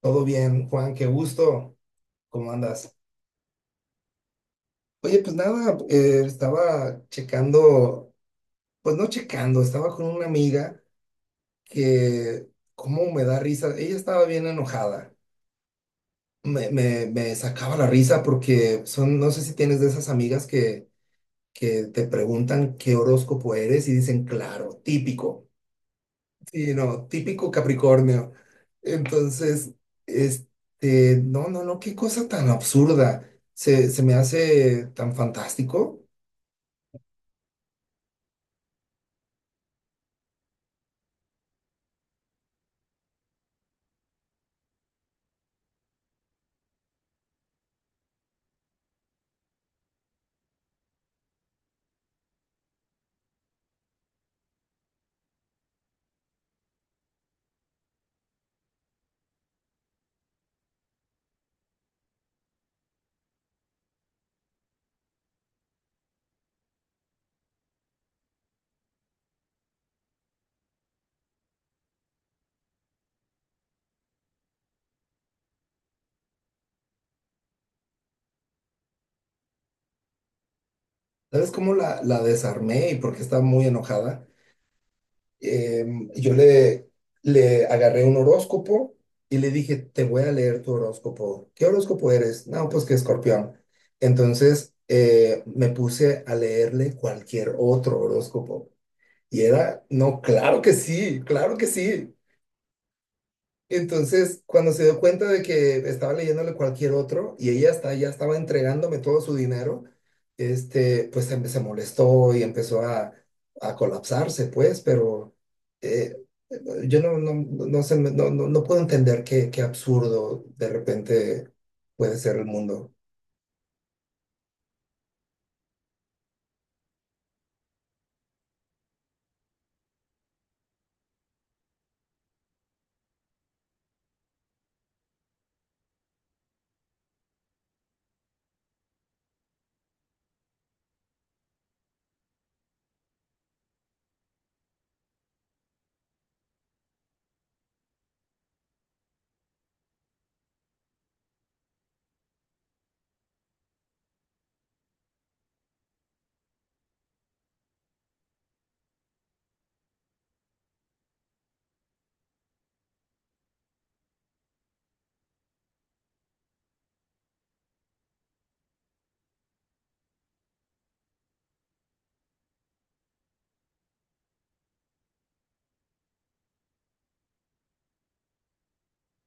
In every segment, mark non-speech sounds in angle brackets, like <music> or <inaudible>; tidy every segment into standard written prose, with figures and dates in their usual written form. Todo bien, Juan, qué gusto. ¿Cómo andas? Oye, pues nada, estaba checando, pues no checando, estaba con una amiga que, cómo me da risa, ella estaba bien enojada, me sacaba la risa porque son, no sé si tienes de esas amigas que te preguntan qué horóscopo eres y dicen, claro, típico. Sí, no, típico Capricornio. Entonces, este, no, no, no, qué cosa tan absurda. Se me hace tan fantástico. ¿Sabes cómo la desarmé y por qué estaba muy enojada? Yo le agarré un horóscopo y le dije, te voy a leer tu horóscopo. ¿Qué horóscopo eres? No, pues que Escorpión. Entonces, me puse a leerle cualquier otro horóscopo. Y era, no, claro que sí, claro que sí. Entonces, cuando se dio cuenta de que estaba leyéndole cualquier otro y ella está, ya estaba entregándome todo su dinero, este, pues se molestó y empezó a colapsarse, pues, pero eh, yo no sé, no puedo entender qué absurdo de repente puede ser el mundo.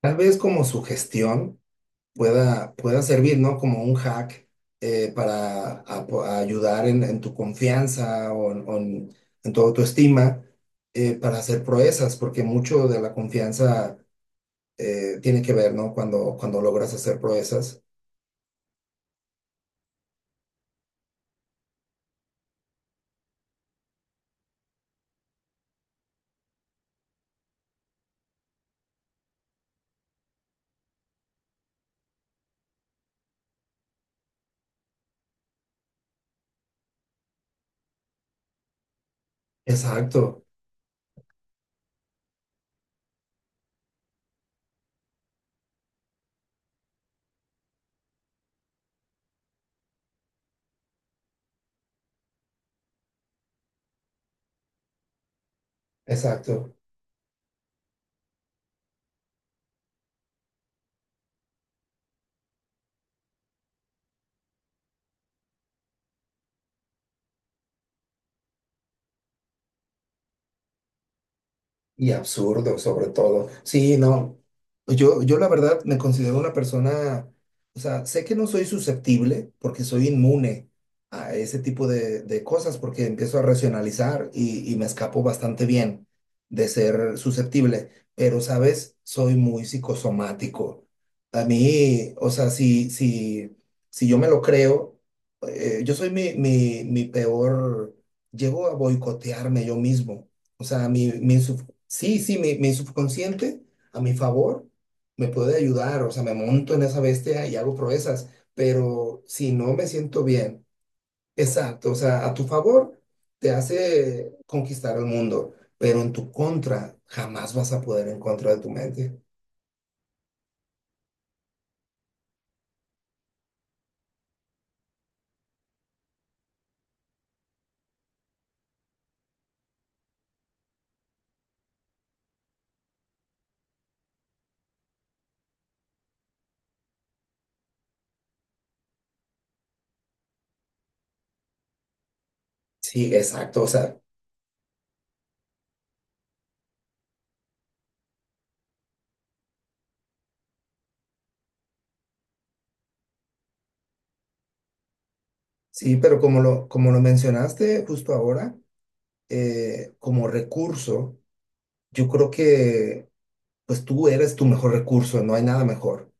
Tal vez como sugestión pueda servir, ¿no? Como un hack, para a ayudar en tu confianza en tu autoestima, para hacer proezas, porque mucho de la confianza, tiene que ver, ¿no? Cuando logras hacer proezas. Exacto, exacto. Y absurdo, sobre todo. Sí, no. Yo la verdad me considero una persona, o sea, sé que no soy susceptible porque soy inmune a ese tipo de cosas porque empiezo a racionalizar y me escapo bastante bien de ser susceptible, pero, ¿sabes? Soy muy psicosomático. A mí, o sea, si, si yo me lo creo, yo soy mi peor, llego a boicotearme yo mismo. O sea, sí, sí, mi subconsciente a mi favor me puede ayudar, o sea, me monto en esa bestia y hago proezas, pero si no me siento bien, exacto, o sea, a tu favor te hace conquistar el mundo, pero en tu contra jamás vas a poder en contra de tu mente. Sí, exacto, o sea, sí, pero como lo mencionaste justo ahora, como recurso, yo creo que pues tú eres tu mejor recurso, no hay nada mejor.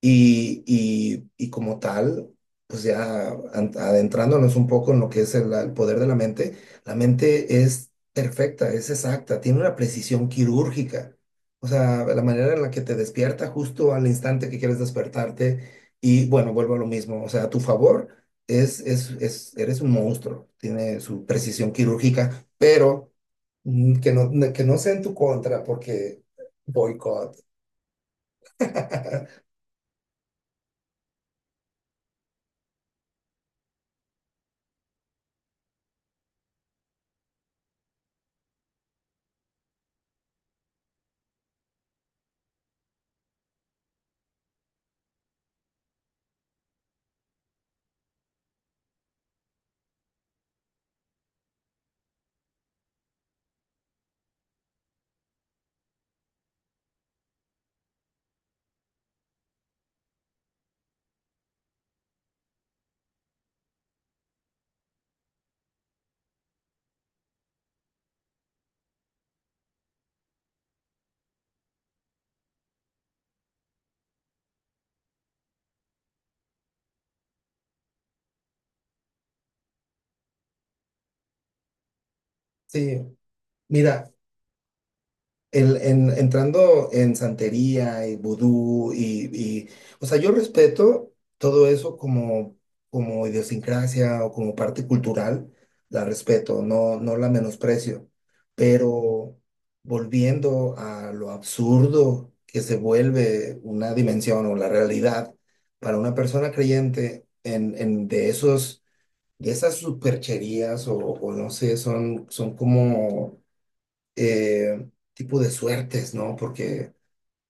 Y como tal, pues ya adentrándonos un poco en lo que es el poder de la mente es perfecta, es exacta, tiene una precisión quirúrgica. O sea, la manera en la que te despierta justo al instante que quieres despertarte. Y bueno, vuelvo a lo mismo. O sea, a tu favor, eres un monstruo, tiene su precisión quirúrgica, pero que no sea en tu contra, porque boicot. <laughs> Sí, mira, entrando en santería y vudú o sea, yo respeto todo eso como, como idiosincrasia o como parte cultural, la respeto, no la menosprecio, pero volviendo a lo absurdo que se vuelve una dimensión o la realidad para una persona creyente en de esos, de esas supercherías o no sé, son como, eh, tipo de suertes, ¿no? Porque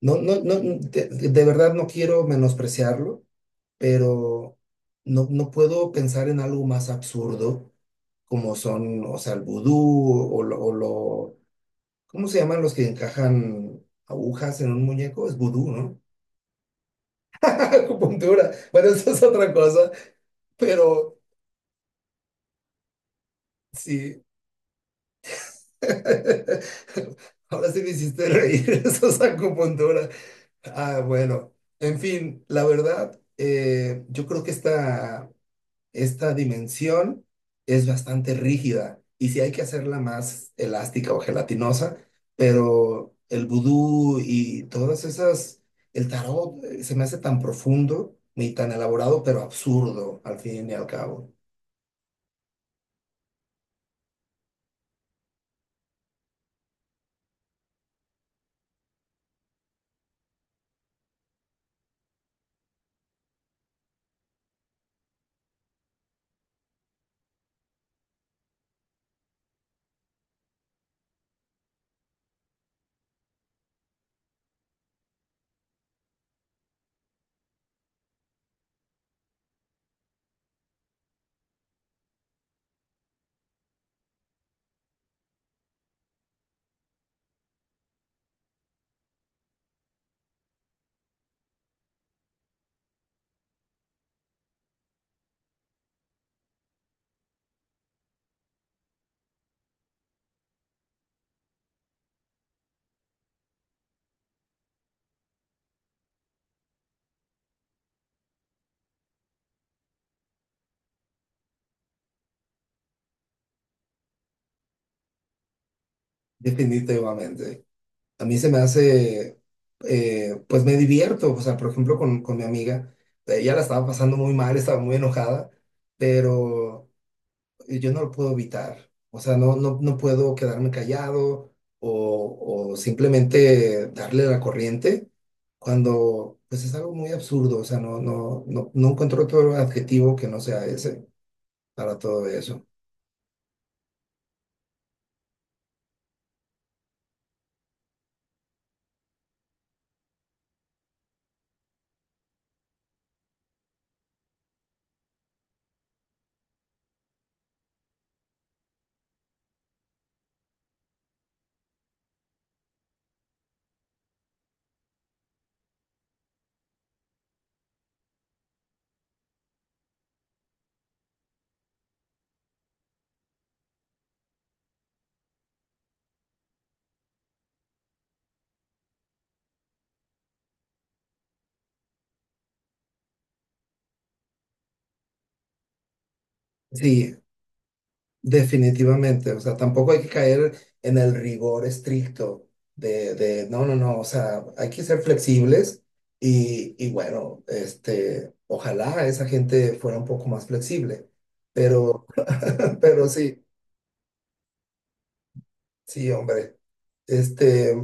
no, de verdad no quiero menospreciarlo, pero no puedo pensar en algo más absurdo como son, o sea, el vudú ¿cómo se llaman los que encajan agujas en un muñeco? Es vudú, ¿no? <laughs> Acupuntura. Bueno, eso es otra cosa, pero sí. <laughs> Ahora sí me hiciste reír, <laughs> eso es acupuntura. Ah, bueno, en fin, la verdad, yo creo que esta dimensión es bastante rígida y sí hay que hacerla más elástica o gelatinosa, pero el vudú y todas esas, el tarot, se me hace tan profundo ni tan elaborado, pero absurdo al fin y al cabo, definitivamente. A mí se me hace, pues me divierto, o sea, por ejemplo, con mi amiga, ella la estaba pasando muy mal, estaba muy enojada, pero yo no lo puedo evitar, o sea, no puedo quedarme callado o simplemente darle la corriente cuando, pues es algo muy absurdo, o sea, no encuentro otro adjetivo que no sea ese para todo eso. Sí, definitivamente, o sea, tampoco hay que caer en el rigor estricto de no, no, no, o sea, hay que ser flexibles y bueno, este, ojalá esa gente fuera un poco más flexible, pero, <laughs> pero sí, sí, hombre, este,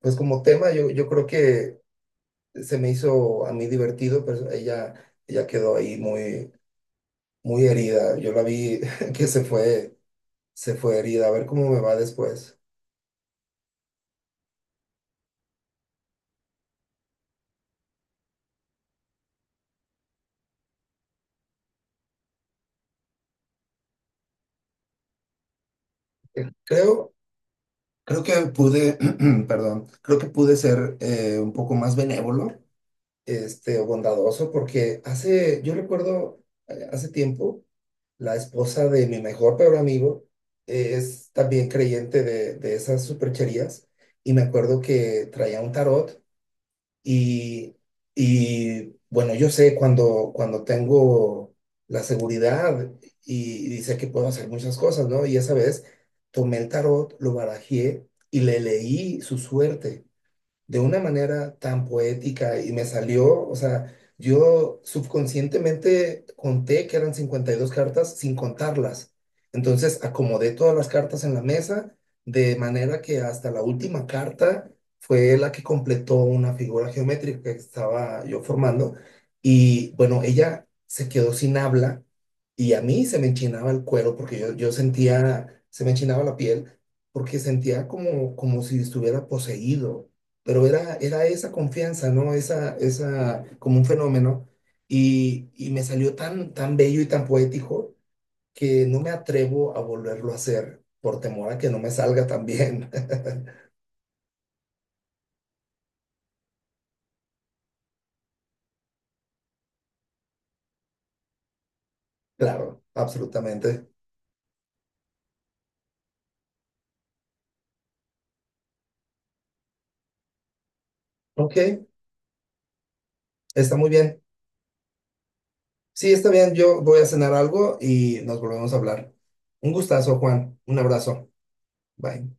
pues como tema yo creo que se me hizo a mí divertido, pero ella quedó ahí muy, muy herida, yo la vi <laughs> que se fue herida, a ver cómo me va después. Creo. Creo que pude, <clears throat> perdón, creo que pude ser, un poco más benévolo, este, o bondadoso, porque hace, yo recuerdo, hace tiempo, la esposa de mi mejor peor amigo, es también creyente de esas supercherías, y me acuerdo que traía un tarot y, bueno, yo sé cuando tengo la seguridad y sé que puedo hacer muchas cosas, ¿no? Y esa vez tomé el tarot, lo barajé y le leí su suerte de una manera tan poética y me salió, o sea, yo subconscientemente conté que eran 52 cartas sin contarlas. Entonces acomodé todas las cartas en la mesa de manera que hasta la última carta fue la que completó una figura geométrica que estaba yo formando. Y bueno, ella se quedó sin habla y a mí se me enchinaba el cuero porque yo sentía, se me enchinaba la piel porque sentía como, como si estuviera poseído, pero era esa confianza, ¿no? Como un fenómeno. Y me salió tan, tan bello y tan poético que no me atrevo a volverlo a hacer por temor a que no me salga tan bien. <laughs> Claro, absolutamente. Ok, está muy bien. Sí, está bien, yo voy a cenar algo y nos volvemos a hablar. Un gustazo, Juan. Un abrazo. Bye.